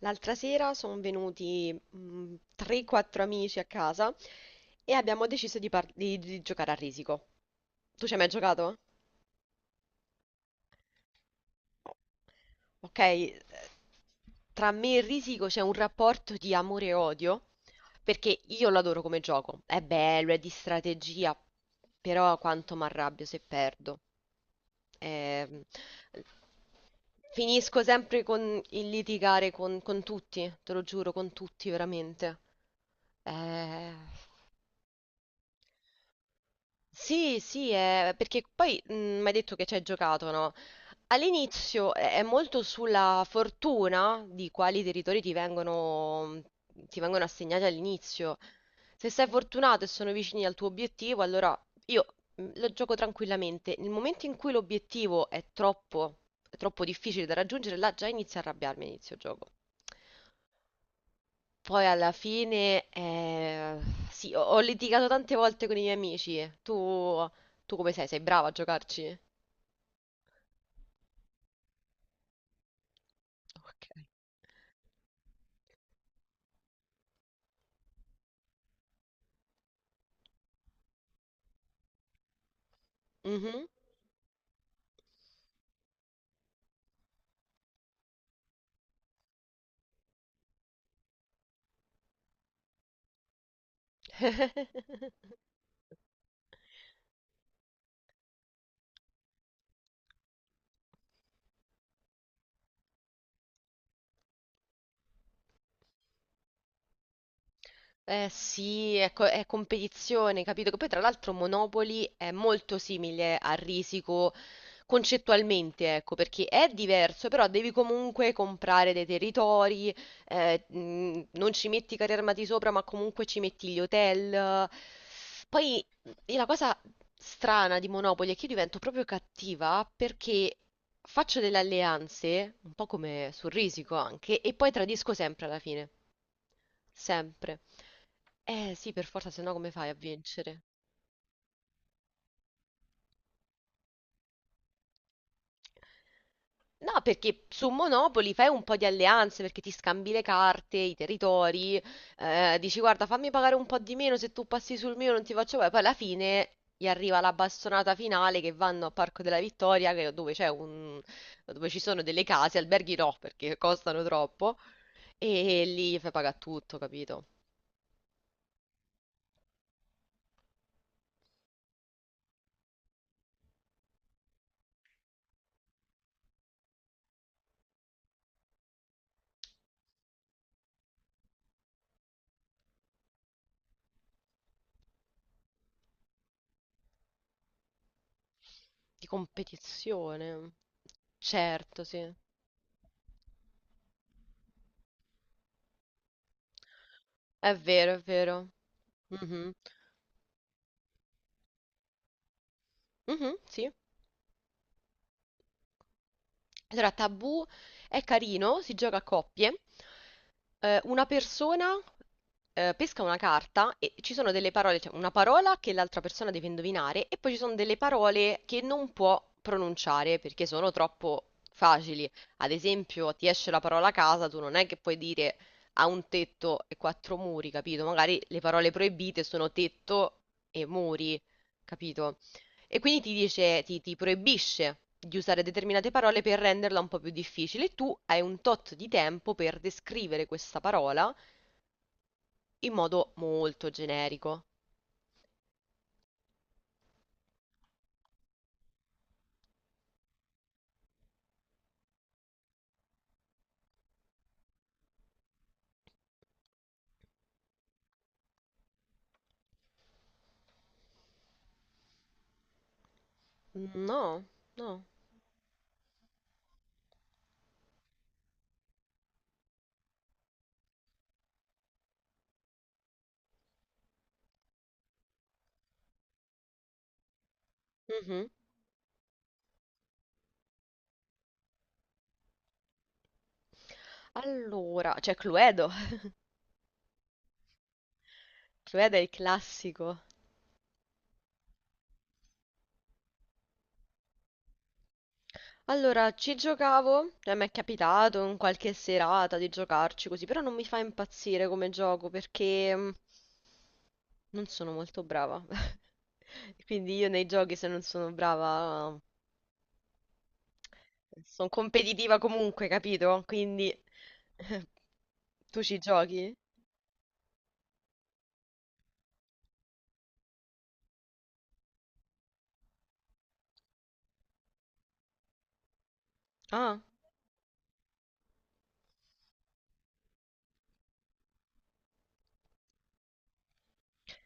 L'altra sera sono venuti 3-4 amici a casa e abbiamo deciso di giocare a risico. Tu ci hai mai giocato? Ok, tra me e Risico c'è un rapporto di amore e odio, perché io lo adoro come gioco, è bello, è di strategia, però quanto mi arrabbio se perdo. Ehm, Finisco sempre con il litigare con tutti, te lo giuro, con tutti veramente. Eh, sì, sì, perché poi mi hai detto che ci hai giocato, no? All'inizio è molto sulla fortuna di quali territori ti vengono assegnati all'inizio. Se sei fortunato e sono vicini al tuo obiettivo, allora io lo gioco tranquillamente. Nel momento in cui l'obiettivo è troppo difficile da raggiungere, là già inizio a arrabbiarmi a inizio gioco. Poi alla fine, sì, ho litigato tante volte con i miei amici. Tu, tu come sei? Sei brava a giocarci? Ok. Mhm. Eh sì, è competizione, capito? Che poi tra l'altro Monopoly è molto simile a Risico concettualmente, ecco, perché è diverso, però devi comunque comprare dei territori, non ci metti i carri armati sopra, ma comunque ci metti gli hotel. Poi e la cosa strana di Monopoly è che io divento proprio cattiva perché faccio delle alleanze, un po' come sul Risico anche, e poi tradisco sempre alla fine. Sempre. Eh sì, per forza, se no come fai a vincere? No, perché su Monopoli fai un po' di alleanze, perché ti scambi le carte, i territori, dici guarda fammi pagare un po' di meno se tu passi sul mio non ti faccio pagare, poi alla fine gli arriva la bastonata finale che vanno a Parco della Vittoria, dove ci sono delle case, alberghi no, perché costano troppo, e lì fai pagare tutto, capito? Di competizione. Certo, sì. È vero, è vero. Mhm. Mhm, sì. Allora, Tabù è carino, si gioca a coppie. Una persona pesca una carta e ci sono delle parole, cioè una parola che l'altra persona deve indovinare e poi ci sono delle parole che non può pronunciare perché sono troppo facili. Ad esempio, ti esce la parola casa, tu non è che puoi dire ha un tetto e quattro muri, capito? Magari le parole proibite sono tetto e muri, capito? E quindi ti proibisce di usare determinate parole per renderla un po' più difficile. Tu hai un tot di tempo per descrivere questa parola in modo molto generico. No, no. Mhm. Allora, c'è Cluedo. Cluedo è il classico. Allora, ci giocavo, cioè mi è capitato in qualche serata di giocarci così, però non mi fa impazzire come gioco perché non sono molto brava. Quindi io nei giochi se non sono brava sono competitiva comunque, capito? Quindi tu ci giochi? Ah,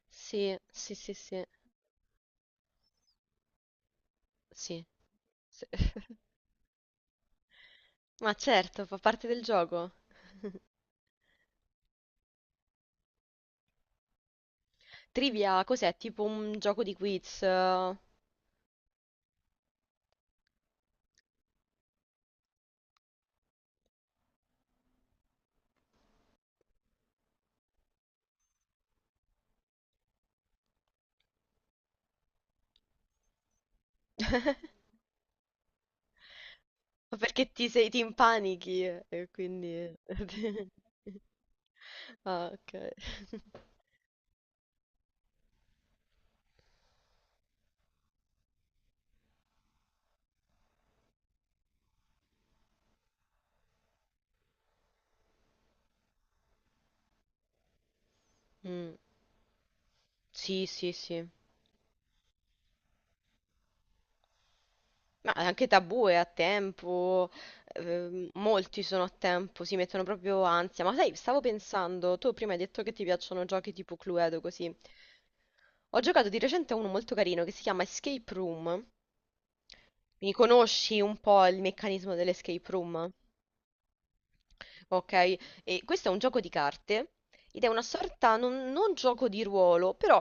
sì, sì, sì, sì, sì, sì. Ma certo, fa parte del gioco. Trivia, cos'è? Tipo un gioco di quiz. Ma perché ti impanichi e quindi... Ah, ok. Mm, Sì, sì, sì. Ma anche Tabù è a tempo, molti sono a tempo, si mettono proprio ansia. Ma sai, stavo pensando, tu prima hai detto che ti piacciono giochi tipo Cluedo così. Ho giocato di recente a uno molto carino che si chiama Escape Room. Mi conosci un po' il meccanismo dell'escape room? Ok, e questo è un gioco di carte ed è una sorta, non, non gioco di ruolo, però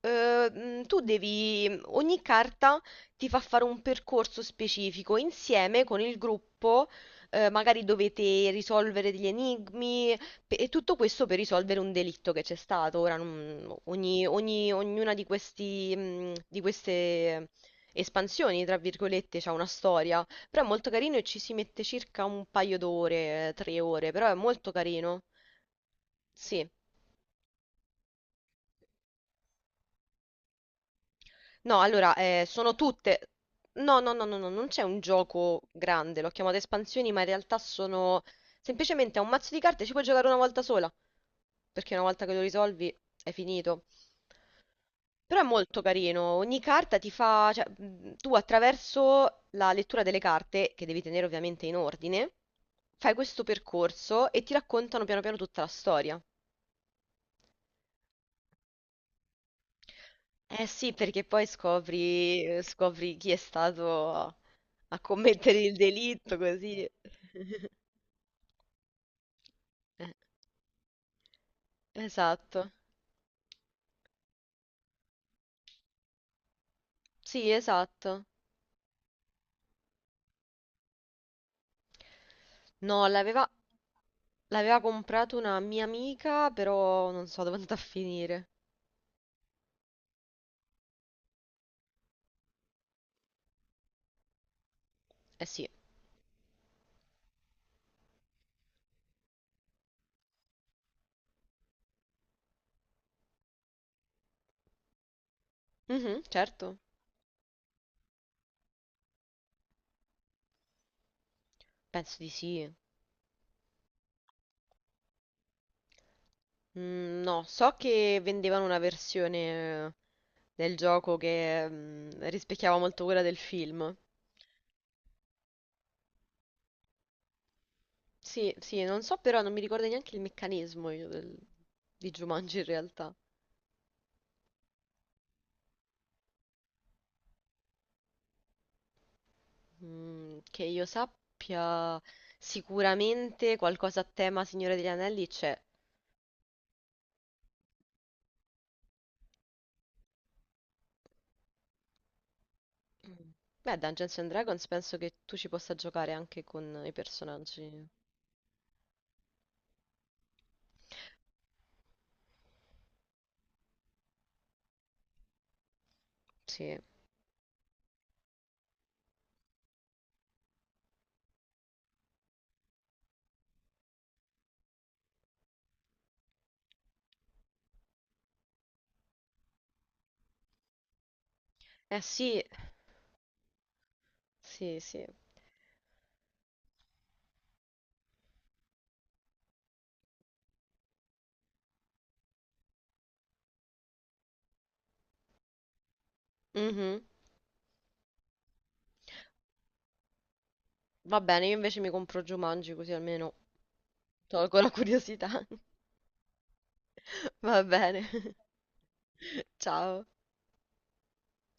ogni carta ti fa fare un percorso specifico insieme con il gruppo, magari dovete risolvere degli enigmi e tutto questo per risolvere un delitto che c'è stato. Ora, ognuna di queste espansioni, tra virgolette, c'ha una storia. Però è molto carino e ci si mette circa un paio d'ore, 3 ore, però è molto carino. Sì. No, allora, sono tutte... No, no, no, no, no, non c'è un gioco grande, l'ho chiamato espansioni, ma in realtà sono... Semplicemente è un mazzo di carte, ci puoi giocare una volta sola, perché una volta che lo risolvi è finito. Però è molto carino, ogni carta ti fa... cioè, tu attraverso la lettura delle carte, che devi tenere ovviamente in ordine, fai questo percorso e ti raccontano piano piano tutta la storia. Eh sì, perché poi scopri, scopri chi è stato a commettere il delitto, così. Eh, Esatto. Sì, esatto. No, l'aveva comprato una mia amica, però non so dove è andata a finire. Eh sì. Mhm, certo. Penso di sì. No, so che vendevano una versione del gioco che rispecchiava molto quella del film. Sì, sì, non so però, non mi ricordo neanche il meccanismo io di Jumanji in realtà. Che io sappia, sicuramente qualcosa a tema Signore degli Anelli c'è. Mm. Beh, Dungeons and Dragons penso che tu ci possa giocare anche con i personaggi. Sì. Eh sì, sì, sì. Mhm. Va bene, io invece mi compro Jumanji così almeno tolgo la curiosità. Va bene, ciao.